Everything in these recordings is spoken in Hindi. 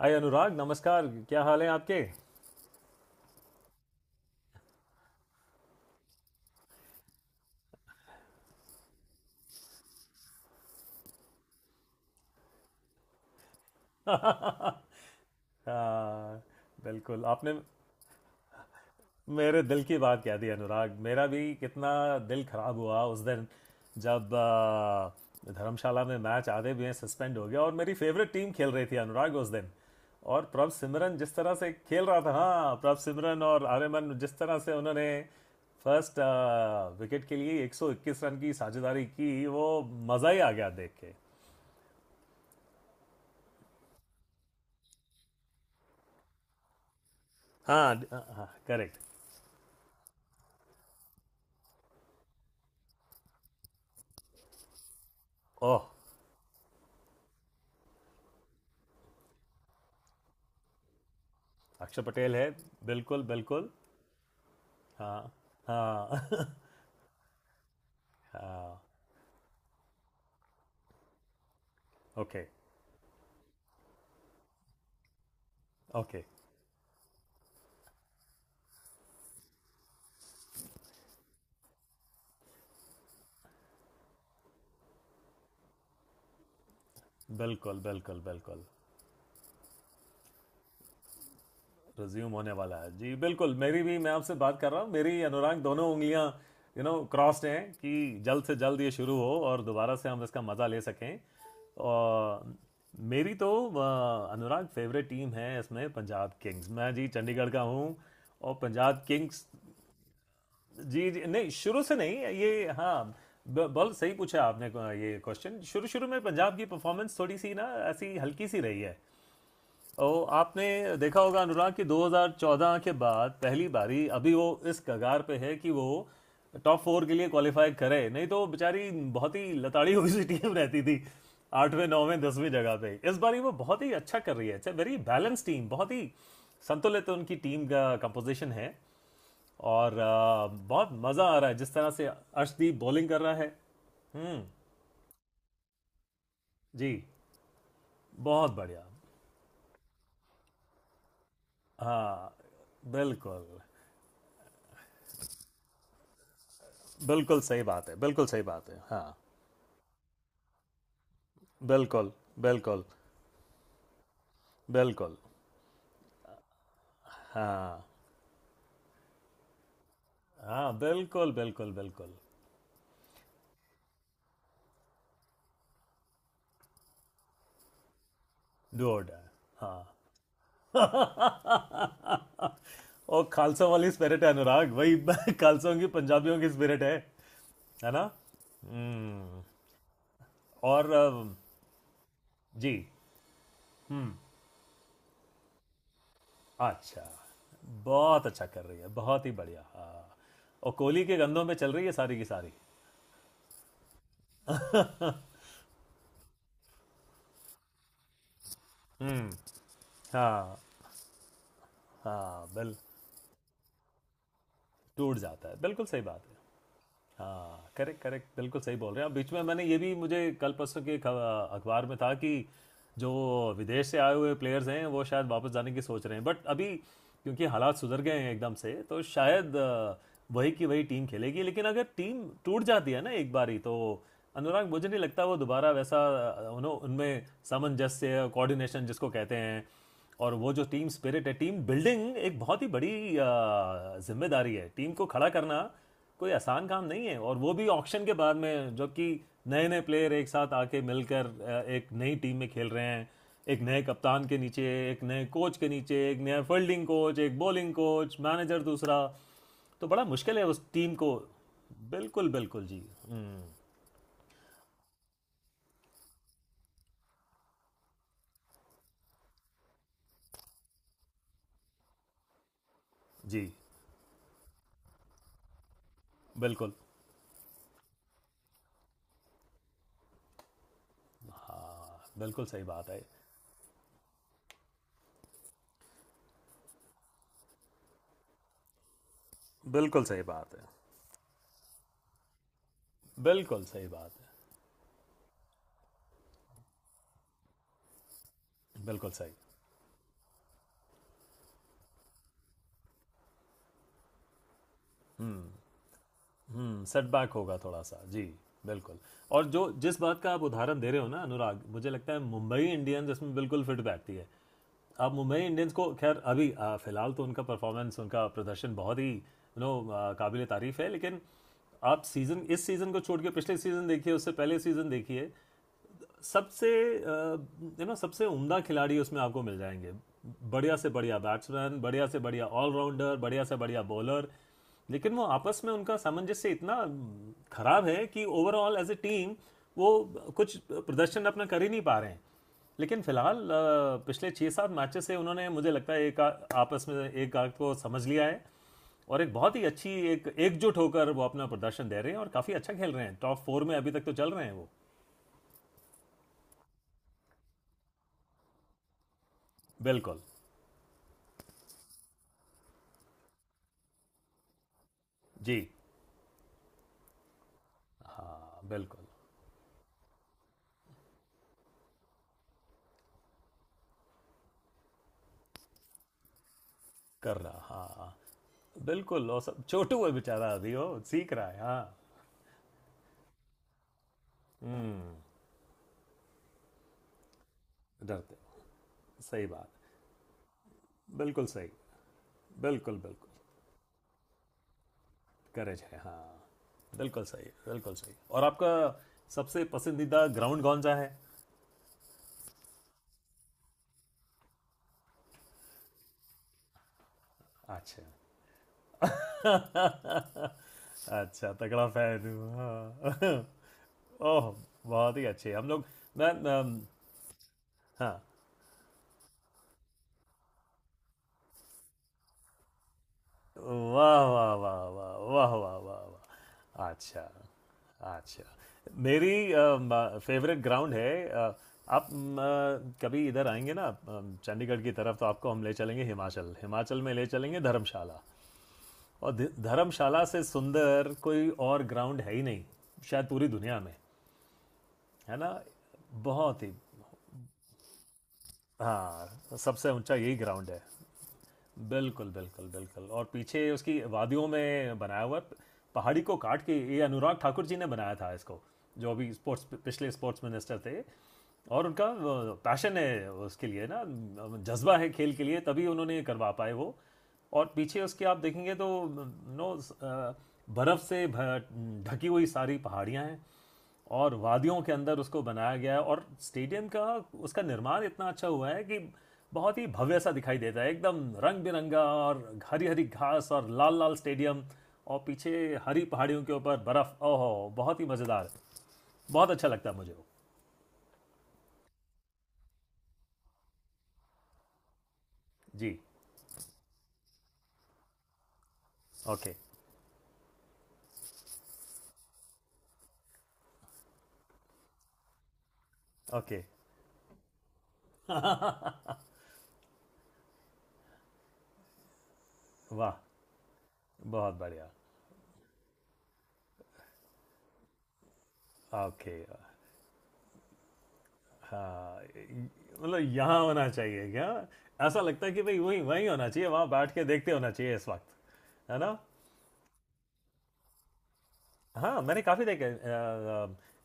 हाय अनुराग, नमस्कार। क्या हाल है आपके? हाँ, बिल्कुल आपने मेरे दिल की बात कह दी अनुराग। मेरा भी कितना दिल खराब हुआ उस दिन जब धर्मशाला में मैच आधे भी सस्पेंड हो गया और मेरी फेवरेट टीम खेल रही थी अनुराग उस दिन। और प्रभ सिमरन जिस तरह से खेल रहा था, हाँ, प्रभ सिमरन और आर्यमन जिस तरह से उन्होंने फर्स्ट विकेट के लिए 121 रन की साझेदारी की, वो मज़ा ही आ गया देख के। हाँ हाँ, करेक्ट। ओह, अक्षय पटेल है। बिल्कुल बिल्कुल। हाँ। हाँ हाँ। ओके। ओके। बिल्कुल बिल्कुल बिल्कुल। रिज्यूम होने वाला है जी, बिल्कुल। मेरी भी, मैं आपसे बात कर रहा हूँ मेरी, अनुराग दोनों उंगलियाँ यू नो क्रॉस्ड हैं कि जल्द से जल्द ये शुरू हो और दोबारा से हम इसका मज़ा ले सकें। और मेरी तो अनुराग फेवरेट टीम है इसमें पंजाब किंग्स, मैं जी चंडीगढ़ का हूँ और पंजाब किंग्स। जी जी नहीं, शुरू से नहीं, ये हाँ बहुत सही पूछा आपने ये क्वेश्चन। शुरू शुरू में पंजाब की परफॉर्मेंस थोड़ी सी ना, ऐसी हल्की सी रही है। और आपने देखा होगा अनुराग कि 2014 के बाद पहली बारी अभी वो इस कगार पे है कि वो टॉप फोर के लिए क्वालिफाई करे, नहीं तो बेचारी बहुत ही लताड़ी हुई सी टीम रहती थी आठवें नौवें दसवीं जगह पे। इस बारी वो बहुत ही अच्छा कर रही है। It's a very balance team, बहुत ही संतुलित उनकी टीम का कंपोजिशन है। और बहुत मज़ा आ रहा है जिस तरह से अर्शदीप बॉलिंग कर रहा है। हम्म। जी, बहुत बढ़िया। हाँ बिल्कुल। बिल्कुल सही बात है, बिल्कुल सही बात है। हाँ, बिल्कुल बिल्कुल बिल्कुल। हाँ हाँ, बिल्कुल बिल्कुल बिल्कुल। डूड। हाँ और खालसा वाली स्पिरिट है अनुराग, वही खालसाओं की पंजाबियों की स्पिरिट है। है ना। हम्म। और जी, अच्छा। बहुत अच्छा कर रही है, बहुत ही बढ़िया हाँ। और कोहली के गंदों में चल रही है सारी की सारी। हम्म। हाँ हाँ, बिल, टूट जाता है, बिल्कुल सही बात है। हाँ करेक्ट करेक्ट, बिल्कुल सही बोल रहे हैं। अब बीच में मैंने ये भी, मुझे कल परसों के अखबार में था कि जो विदेश से आए हुए प्लेयर्स हैं वो शायद वापस जाने की सोच रहे हैं, बट अभी क्योंकि हालात सुधर गए हैं एकदम से तो शायद वही की वही टीम खेलेगी। लेकिन अगर टीम टूट जाती है ना एक बार ही तो, अनुराग, मुझे नहीं लगता वो दोबारा वैसा उनमें सामंजस्य, कोऑर्डिनेशन जिसको कहते हैं, और वो जो टीम स्पिरिट है, टीम बिल्डिंग एक बहुत ही बड़ी जिम्मेदारी है। टीम को खड़ा करना कोई आसान काम नहीं है, और वो भी ऑक्शन के बाद में, जबकि नए नए प्लेयर एक साथ आके मिलकर एक नई टीम में खेल रहे हैं, एक नए कप्तान के नीचे, एक नए कोच के नीचे, एक नया फील्डिंग कोच, एक बॉलिंग कोच, मैनेजर दूसरा। तो बड़ा मुश्किल है उस टीम को। बिल्कुल बिल्कुल जी। हम्म, जी, बिल्कुल। बिल्कुल सही बात है, बिल्कुल सही बात है, बिल्कुल सही बात है, बिल्कुल सही। हम्म, सेटबैक होगा थोड़ा सा जी, बिल्कुल। और जो जिस बात का आप उदाहरण दे रहे हो ना अनुराग, मुझे लगता है मुंबई इंडियंस इसमें बिल्कुल फिट बैठती है। अब मुंबई इंडियंस को खैर अभी फिलहाल तो उनका परफॉर्मेंस, उनका प्रदर्शन बहुत ही, यू नो, काबिल तारीफ है, लेकिन आप सीज़न, इस सीज़न को छोड़ के पिछले सीज़न देखिए, उससे पहले सीज़न देखिए, सबसे, यू नो, सबसे उम्दा खिलाड़ी उसमें आपको मिल जाएंगे, बढ़िया से बढ़िया बैट्समैन, बढ़िया से बढ़िया ऑलराउंडर, बढ़िया से बढ़िया बॉलर। लेकिन वो आपस में उनका सामंजस्य इतना खराब है कि ओवरऑल एज ए टीम वो कुछ प्रदर्शन अपना कर ही नहीं पा रहे हैं। लेकिन फिलहाल पिछले छः सात मैचेस से उन्होंने, मुझे लगता है, एक आपस में एक आग को समझ लिया है। और एक बहुत ही अच्छी, एक एकजुट होकर वो अपना प्रदर्शन दे रहे हैं और काफ़ी अच्छा खेल रहे हैं। टॉप फोर में अभी तक तो चल रहे हैं वो। बिल्कुल। जी। हाँ, बिल्कुल। कर रहा हाँ। बिल्कुल, और सब छोटू है बेचारा, अभी हो सीख रहा है हाँ। डरते हो, सही बात, बिल्कुल सही। बिल्कुल बिल्कुल, करेज है हाँ। बिल्कुल सही, बिल्कुल सही। और आपका सबसे पसंदीदा ग्राउंड कौन सा है? अच्छा अच्छा, तगड़ा फैन हूँ हाँ। ओह, बहुत ही अच्छे हम लोग। मैं, अम, हाँ। वाह वाह वाह वाह वाह वाह वाह वाह, अच्छा। अच्छा, मेरी फेवरेट ग्राउंड है आप कभी इधर आएंगे ना चंडीगढ़ की तरफ, तो आपको हम ले चलेंगे हिमाचल, हिमाचल में ले चलेंगे धर्मशाला। और धर्मशाला से सुंदर कोई और ग्राउंड है ही नहीं शायद पूरी दुनिया में। है ना, बहुत ही। हाँ, सबसे ऊंचा यही ग्राउंड है। बिल्कुल बिल्कुल बिल्कुल, और पीछे उसकी वादियों में बनाया हुआ है, पहाड़ी को काट के। ये अनुराग ठाकुर जी ने बनाया था इसको, जो अभी स्पोर्ट्स, पिछले स्पोर्ट्स मिनिस्टर थे। और उनका पैशन है उसके लिए ना, जज्बा है खेल के लिए, तभी उन्होंने ये करवा पाए वो। और पीछे उसके आप देखेंगे तो, नो, बर्फ़ से ढकी हुई सारी पहाड़ियाँ हैं। और वादियों के अंदर उसको बनाया गया है। और स्टेडियम का उसका निर्माण इतना अच्छा हुआ है कि बहुत ही भव्य सा दिखाई देता है, एकदम रंग बिरंगा, और हरी हरी घास, और लाल लाल स्टेडियम, और पीछे हरी पहाड़ियों के ऊपर बर्फ, ओहो, बहुत ही मज़ेदार। बहुत अच्छा लगता है मुझे वो। जी। ओके। ओके। वाह, बहुत बढ़िया। ओके। हाँ, मतलब यहाँ होना चाहिए क्या, ऐसा लगता है कि भाई वहीं वहीं होना चाहिए, वहाँ बैठ के देखते होना चाहिए इस वक्त। है ना। हाँ, मैंने काफ़ी देखे।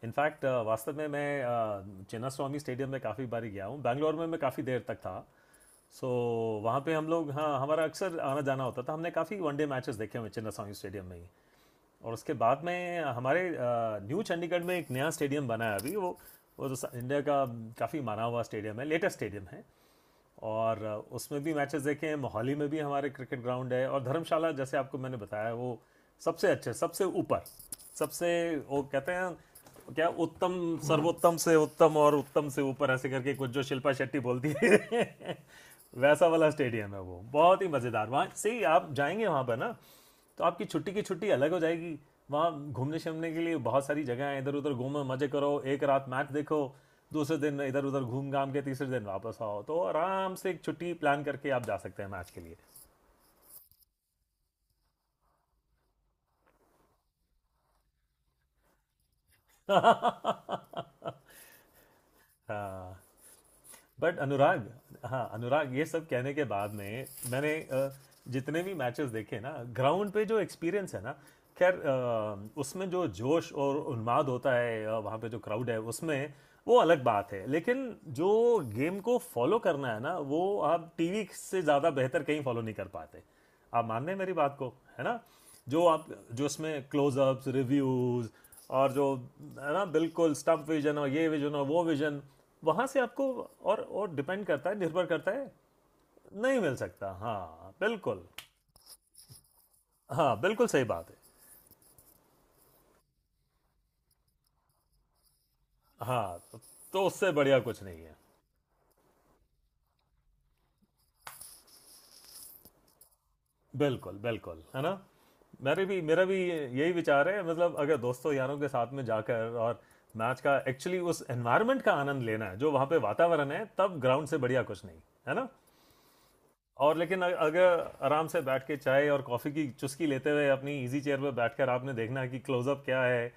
इनफैक्ट, वास्तव में, मैं चिन्नास्वामी स्टेडियम में काफ़ी बारी गया हूँ, बैंगलोर में मैं काफ़ी देर तक था, सो वहाँ पे हम लोग, हाँ, हमारा अक्सर आना जाना होता था। हमने काफ़ी वनडे मैचेस देखे हुए हैं चिन्नास्वामी स्टेडियम में ही। और उसके बाद में हमारे न्यू चंडीगढ़ में एक नया स्टेडियम बना है अभी वो तो इंडिया का काफ़ी माना हुआ स्टेडियम है, लेटेस्ट स्टेडियम है। और उसमें भी मैचेस देखे हैं। मोहाली में भी हमारे क्रिकेट ग्राउंड है, और धर्मशाला जैसे आपको मैंने बताया वो सबसे अच्छे, सबसे ऊपर, सबसे, वो कहते हैं क्या, उत्तम, सर्वोत्तम से उत्तम और उत्तम से ऊपर ऐसे करके कुछ जो शिल्पा शेट्टी बोलती है वैसा वाला स्टेडियम है वो, बहुत ही मज़ेदार। वहाँ से आप जाएंगे वहाँ पर ना, तो आपकी छुट्टी की छुट्टी अलग हो जाएगी। वहाँ घूमने शमने के लिए बहुत सारी जगह हैं, इधर उधर घूमो, मज़े करो, एक रात मैच देखो, दूसरे दिन इधर उधर घूम घाम के, तीसरे दिन वापस आओ। तो आराम से एक छुट्टी प्लान करके आप जा सकते हैं मैच के लिए। हाँ, बट अनुराग, हाँ अनुराग, ये सब कहने के बाद में मैंने जितने भी मैचेस देखे ना ग्राउंड पे, जो एक्सपीरियंस है ना, खैर उसमें जो जोश और उन्माद होता है वहाँ पे जो क्राउड है उसमें, वो अलग बात है। लेकिन जो गेम को फॉलो करना है ना, वो आप टीवी से ज़्यादा बेहतर कहीं फॉलो नहीं कर पाते। आप मान रहे हैं मेरी बात को? है ना। जो आप, जो इसमें क्लोजअप्स, रिव्यूज, और जो, है ना, बिल्कुल, स्टम्प विजन और ये विजन और वो विजन, वहाँ से आपको, और डिपेंड करता है, निर्भर करता है। नहीं मिल सकता हाँ, बिल्कुल। हाँ बिल्कुल सही बात है। हाँ, तो उससे बढ़िया कुछ नहीं है। बिल्कुल बिल्कुल, है ना। मेरे भी, मेरा भी यही विचार है, मतलब अगर दोस्तों यारों के साथ में जाकर और मैच का एक्चुअली उस एनवायरनमेंट का आनंद लेना है जो वहाँ पे वातावरण है, तब ग्राउंड से बढ़िया कुछ नहीं। है ना। और लेकिन अगर आराम से बैठ के चाय और कॉफ़ी की चुस्की लेते हुए अपनी इजी चेयर पर बैठकर आपने देखना है कि क्लोजअप क्या है,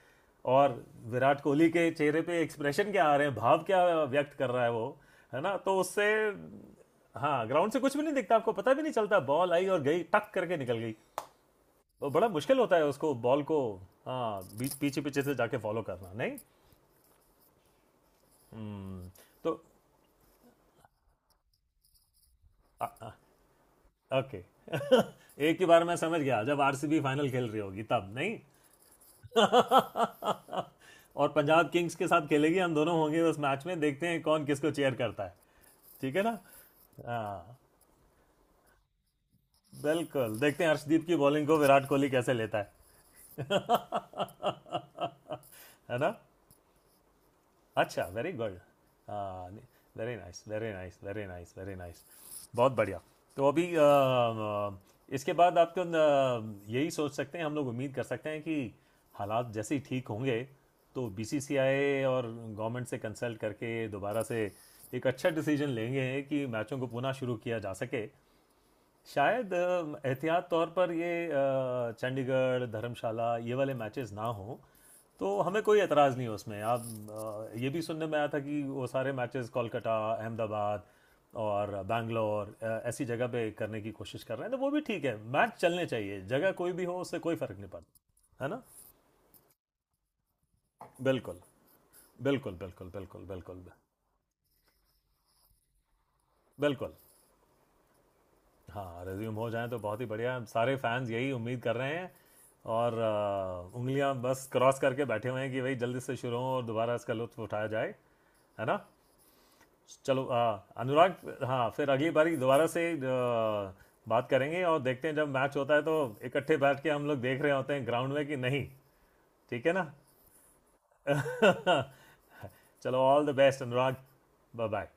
और विराट कोहली के चेहरे पे एक्सप्रेशन क्या आ रहे हैं, भाव क्या व्यक्त कर रहा है वो, है ना, तो उससे, हाँ, ग्राउंड से कुछ भी नहीं दिखता। आपको पता भी नहीं चलता, बॉल आई और गई टक करके निकल गई। वो बड़ा मुश्किल होता है उसको, बॉल को, हाँ, बीच, पीछे पीछे से जाके फॉलो करना, नहीं। हम्म, तो आ, आ, ओके एक ही बार, मैं समझ गया, जब आरसीबी फाइनल खेल रही होगी तब नहीं और पंजाब किंग्स के साथ खेलेगी, हम दोनों होंगे उस मैच में, देखते हैं कौन किसको चेयर करता है। ठीक है ना। हाँ, बिल्कुल, देखते हैं अर्शदीप की बॉलिंग को विराट कोहली कैसे लेता है। है ना। अच्छा, very good. Very nice very nice very nice very nice, बहुत बढ़िया। तो अभी इसके बाद आप तो यही सोच सकते हैं, हम लोग उम्मीद कर सकते हैं कि हालात जैसे ही ठीक होंगे, तो बीसीसीआई और गवर्नमेंट से कंसल्ट करके दोबारा से एक अच्छा डिसीजन लेंगे कि मैचों को पुनः शुरू किया जा सके। शायद एहतियात तौर पर ये चंडीगढ़, धर्मशाला, ये वाले मैचेस ना हो, तो हमें कोई एतराज़ नहीं है उसमें। आप ये भी सुनने में आया था कि वो सारे मैचेस कोलकाता, अहमदाबाद और बैंगलोर ऐसी जगह पे करने की कोशिश कर रहे हैं, तो वो भी ठीक है। मैच चलने चाहिए, जगह कोई भी हो उससे कोई फ़र्क नहीं पड़ता। है ना, बिल्कुल बिल्कुल बिल्कुल बिल्कुल बिल्कुल बिल्कुल। हाँ, रिज्यूम हो जाए तो बहुत ही बढ़िया है। सारे फैंस यही उम्मीद कर रहे हैं और उंगलियां बस क्रॉस करके बैठे हुए हैं कि भाई जल्दी से शुरू हो और दोबारा इसका लुत्फ उठाया जाए। है ना। चलो अनुराग, हाँ, फिर अगली बारी दोबारा से बात करेंगे और देखते हैं जब मैच होता है तो इकट्ठे बैठ के हम लोग देख रहे होते हैं ग्राउंड में कि नहीं। ठीक है ना। चलो, all the best Anurag, bye bye.